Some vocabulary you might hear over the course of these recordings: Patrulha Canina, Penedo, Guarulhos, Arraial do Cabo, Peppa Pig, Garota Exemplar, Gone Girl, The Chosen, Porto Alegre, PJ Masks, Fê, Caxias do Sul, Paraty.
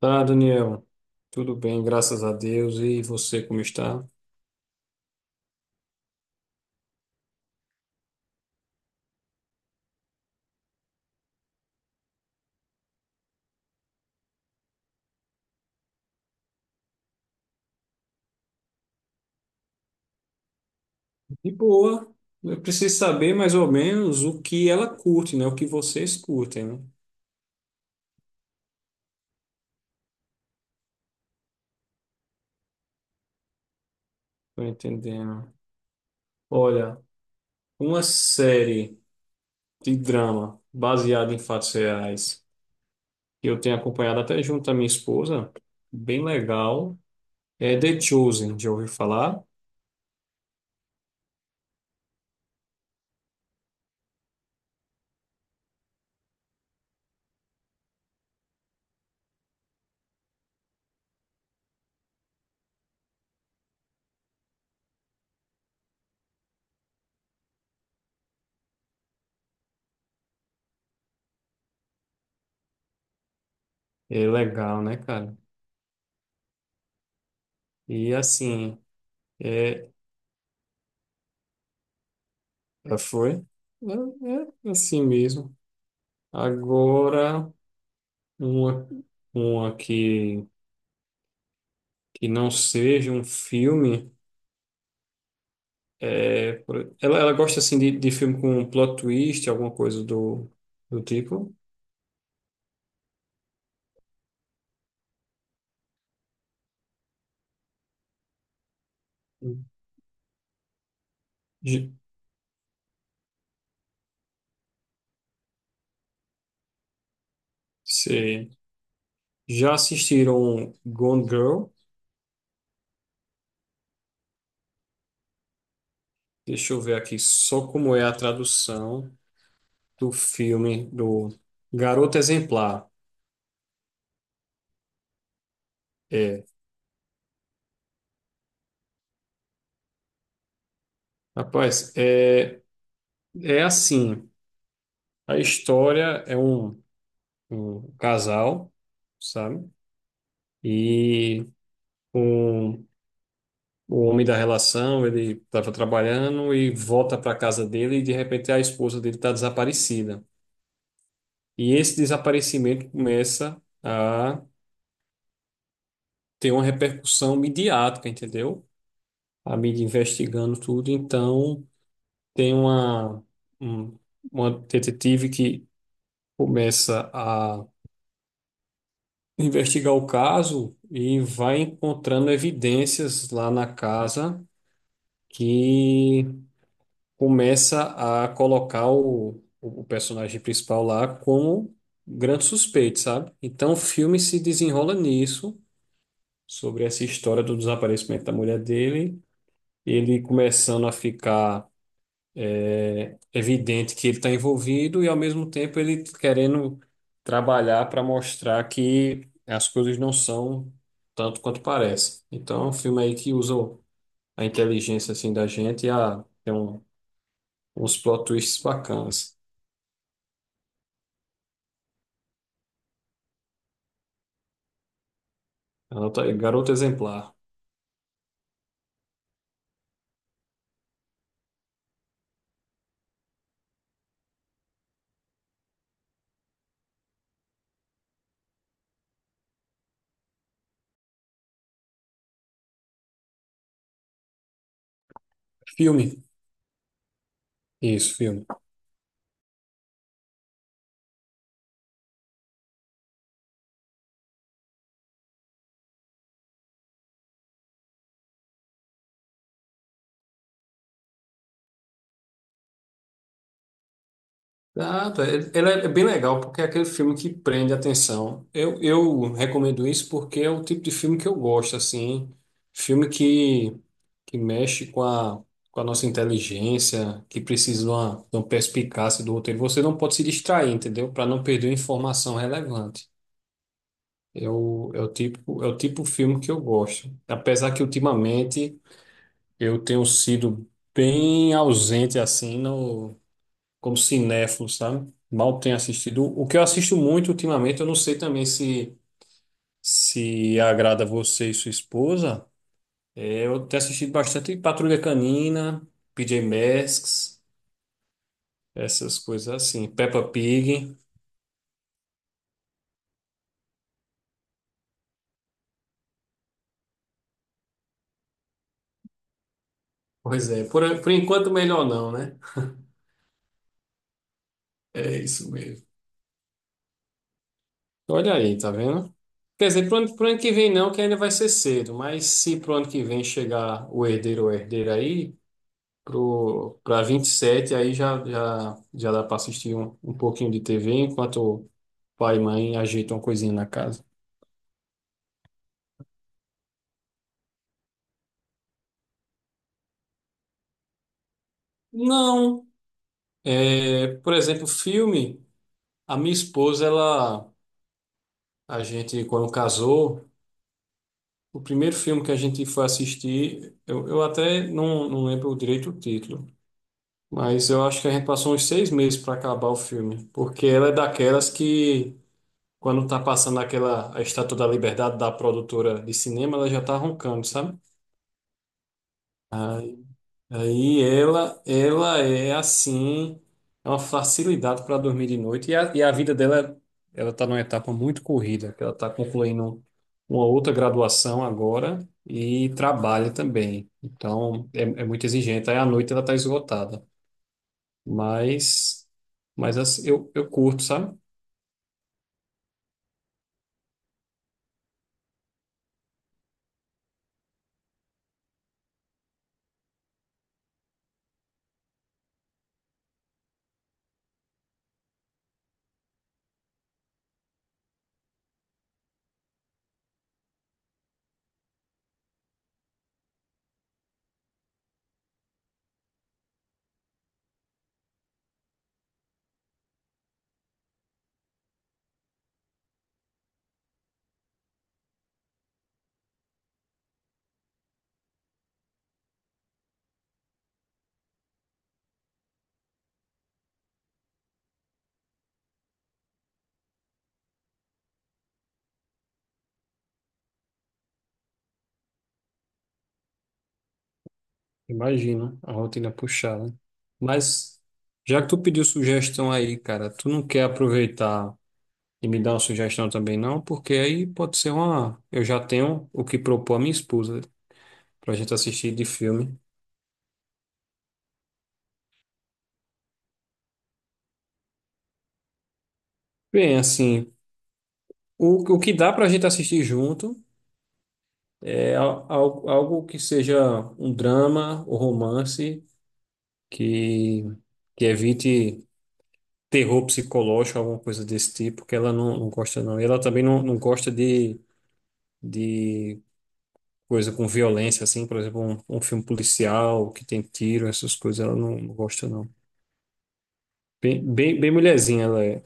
Tá, Daniel. Tudo bem, graças a Deus. E você, como está? De boa. Eu preciso saber mais ou menos o que ela curte, né? O que vocês curtem, né? Tô entendendo. Olha, uma série de drama baseada em fatos reais que eu tenho acompanhado até junto à minha esposa, bem legal. É The Chosen, já ouviu falar? É legal, né, cara? E assim, é, é, foi? É assim mesmo. Agora. Uma, uma que não seja um filme. É, ela gosta assim de filme com um plot twist, alguma coisa do tipo. J- Cê já assistiram Gone Girl? Deixa eu ver aqui só como é a tradução do filme do Garota Exemplar. É, rapaz, é assim. A história é um casal, sabe? E um o homem da relação, ele estava trabalhando e volta para casa dele e de repente a esposa dele está desaparecida. E esse desaparecimento começa a ter uma repercussão midiática, entendeu? A mídia investigando tudo, então tem um- uma detetive que começa a investigar o caso e vai encontrando evidências lá na casa que começa a colocar o personagem principal lá como grande suspeito, sabe? Então o filme se desenrola nisso, sobre essa história do desaparecimento da mulher dele, ele começando a ficar evidente que ele está envolvido e ao mesmo tempo ele querendo trabalhar para mostrar que as coisas não são tanto quanto parece. Então é um filme aí que usa a inteligência assim da gente uns plot twists bacanas. Anota aí, Garota Exemplar. Filme. Isso, filme. Ah, tá. Ele é bem legal porque é aquele filme que prende a atenção. Eu recomendo isso porque é o tipo de filme que eu gosto, assim. Filme que mexe com a nossa inteligência, que precisa de uma perspicácia do roteiro. Você não pode se distrair, entendeu? Para não perder uma informação relevante. É o tipo de filme que eu gosto. Apesar que ultimamente. Eu tenho sido bem ausente assim no como cinéfilo, sabe? Mal tenho assistido. O que eu assisto muito ultimamente, eu não sei também se agrada a você e sua esposa. É, eu tenho assistido bastante Patrulha Canina, PJ Masks, essas coisas assim, Peppa Pig. Pois é, por enquanto melhor não, né? É isso mesmo. Olha aí, tá vendo? Quer dizer, pro ano que vem não, que ainda vai ser cedo, mas se pro ano que vem chegar o herdeiro ou herdeira aí, pra 27 aí já dá para assistir um pouquinho de TV enquanto o pai e mãe ajeitam uma coisinha na casa. Não, é, por exemplo, filme, a minha esposa, ela, a gente quando casou, o primeiro filme que a gente foi assistir, eu até não lembro direito o título, mas eu acho que a gente passou uns 6 meses para acabar o filme, porque ela é daquelas que quando tá passando aquela a Estátua da Liberdade da produtora de cinema, ela já tá roncando, sabe? Aí ela é assim, é uma facilidade para dormir de noite. E a vida dela, ela está numa etapa muito corrida, que ela está concluindo uma outra graduação agora e trabalha também. Então, é muito exigente. Aí à noite ela está esgotada. Mas, mas assim, eu curto, sabe? Imagino a rotina puxada. Mas, já que tu pediu sugestão aí, cara, tu não quer aproveitar. E me dá uma sugestão também, não, porque aí pode ser uma. Eu já tenho o que propor a minha esposa pra gente assistir de filme. Bem, assim, o que dá pra gente assistir junto é algo que seja um drama ou romance que, que evite terror psicológico, alguma coisa desse tipo, que ela não gosta, não. E ela também não gosta de coisa com violência, assim, por exemplo, um filme policial que tem tiro, essas coisas, ela não gosta, não. Bem, bem, bem mulherzinha ela é.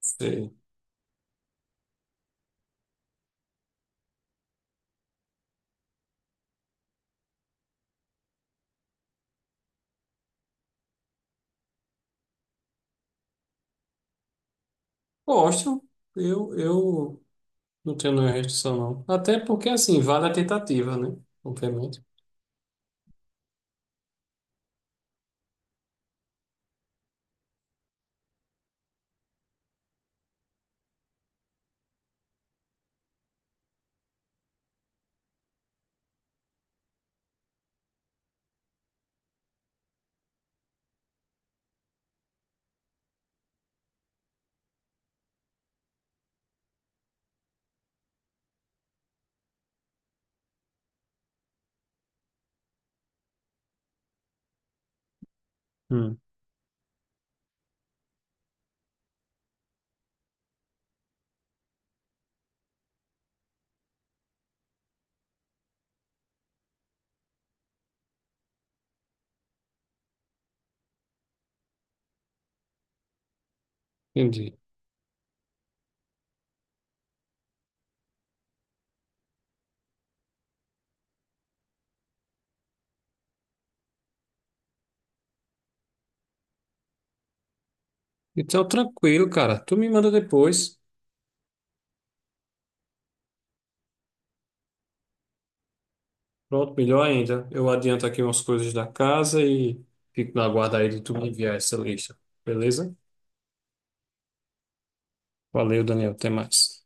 Sei. Gosto. Eu não tenho nenhuma restrição, não. Até porque, assim, vale a tentativa, né? Obviamente. Hum, entendi. Então, tranquilo, cara. Tu me manda depois. Pronto, melhor ainda. Eu adianto aqui umas coisas da casa e fico na guarda aí de tu me enviar essa lista. Beleza? Valeu, Daniel. Até mais.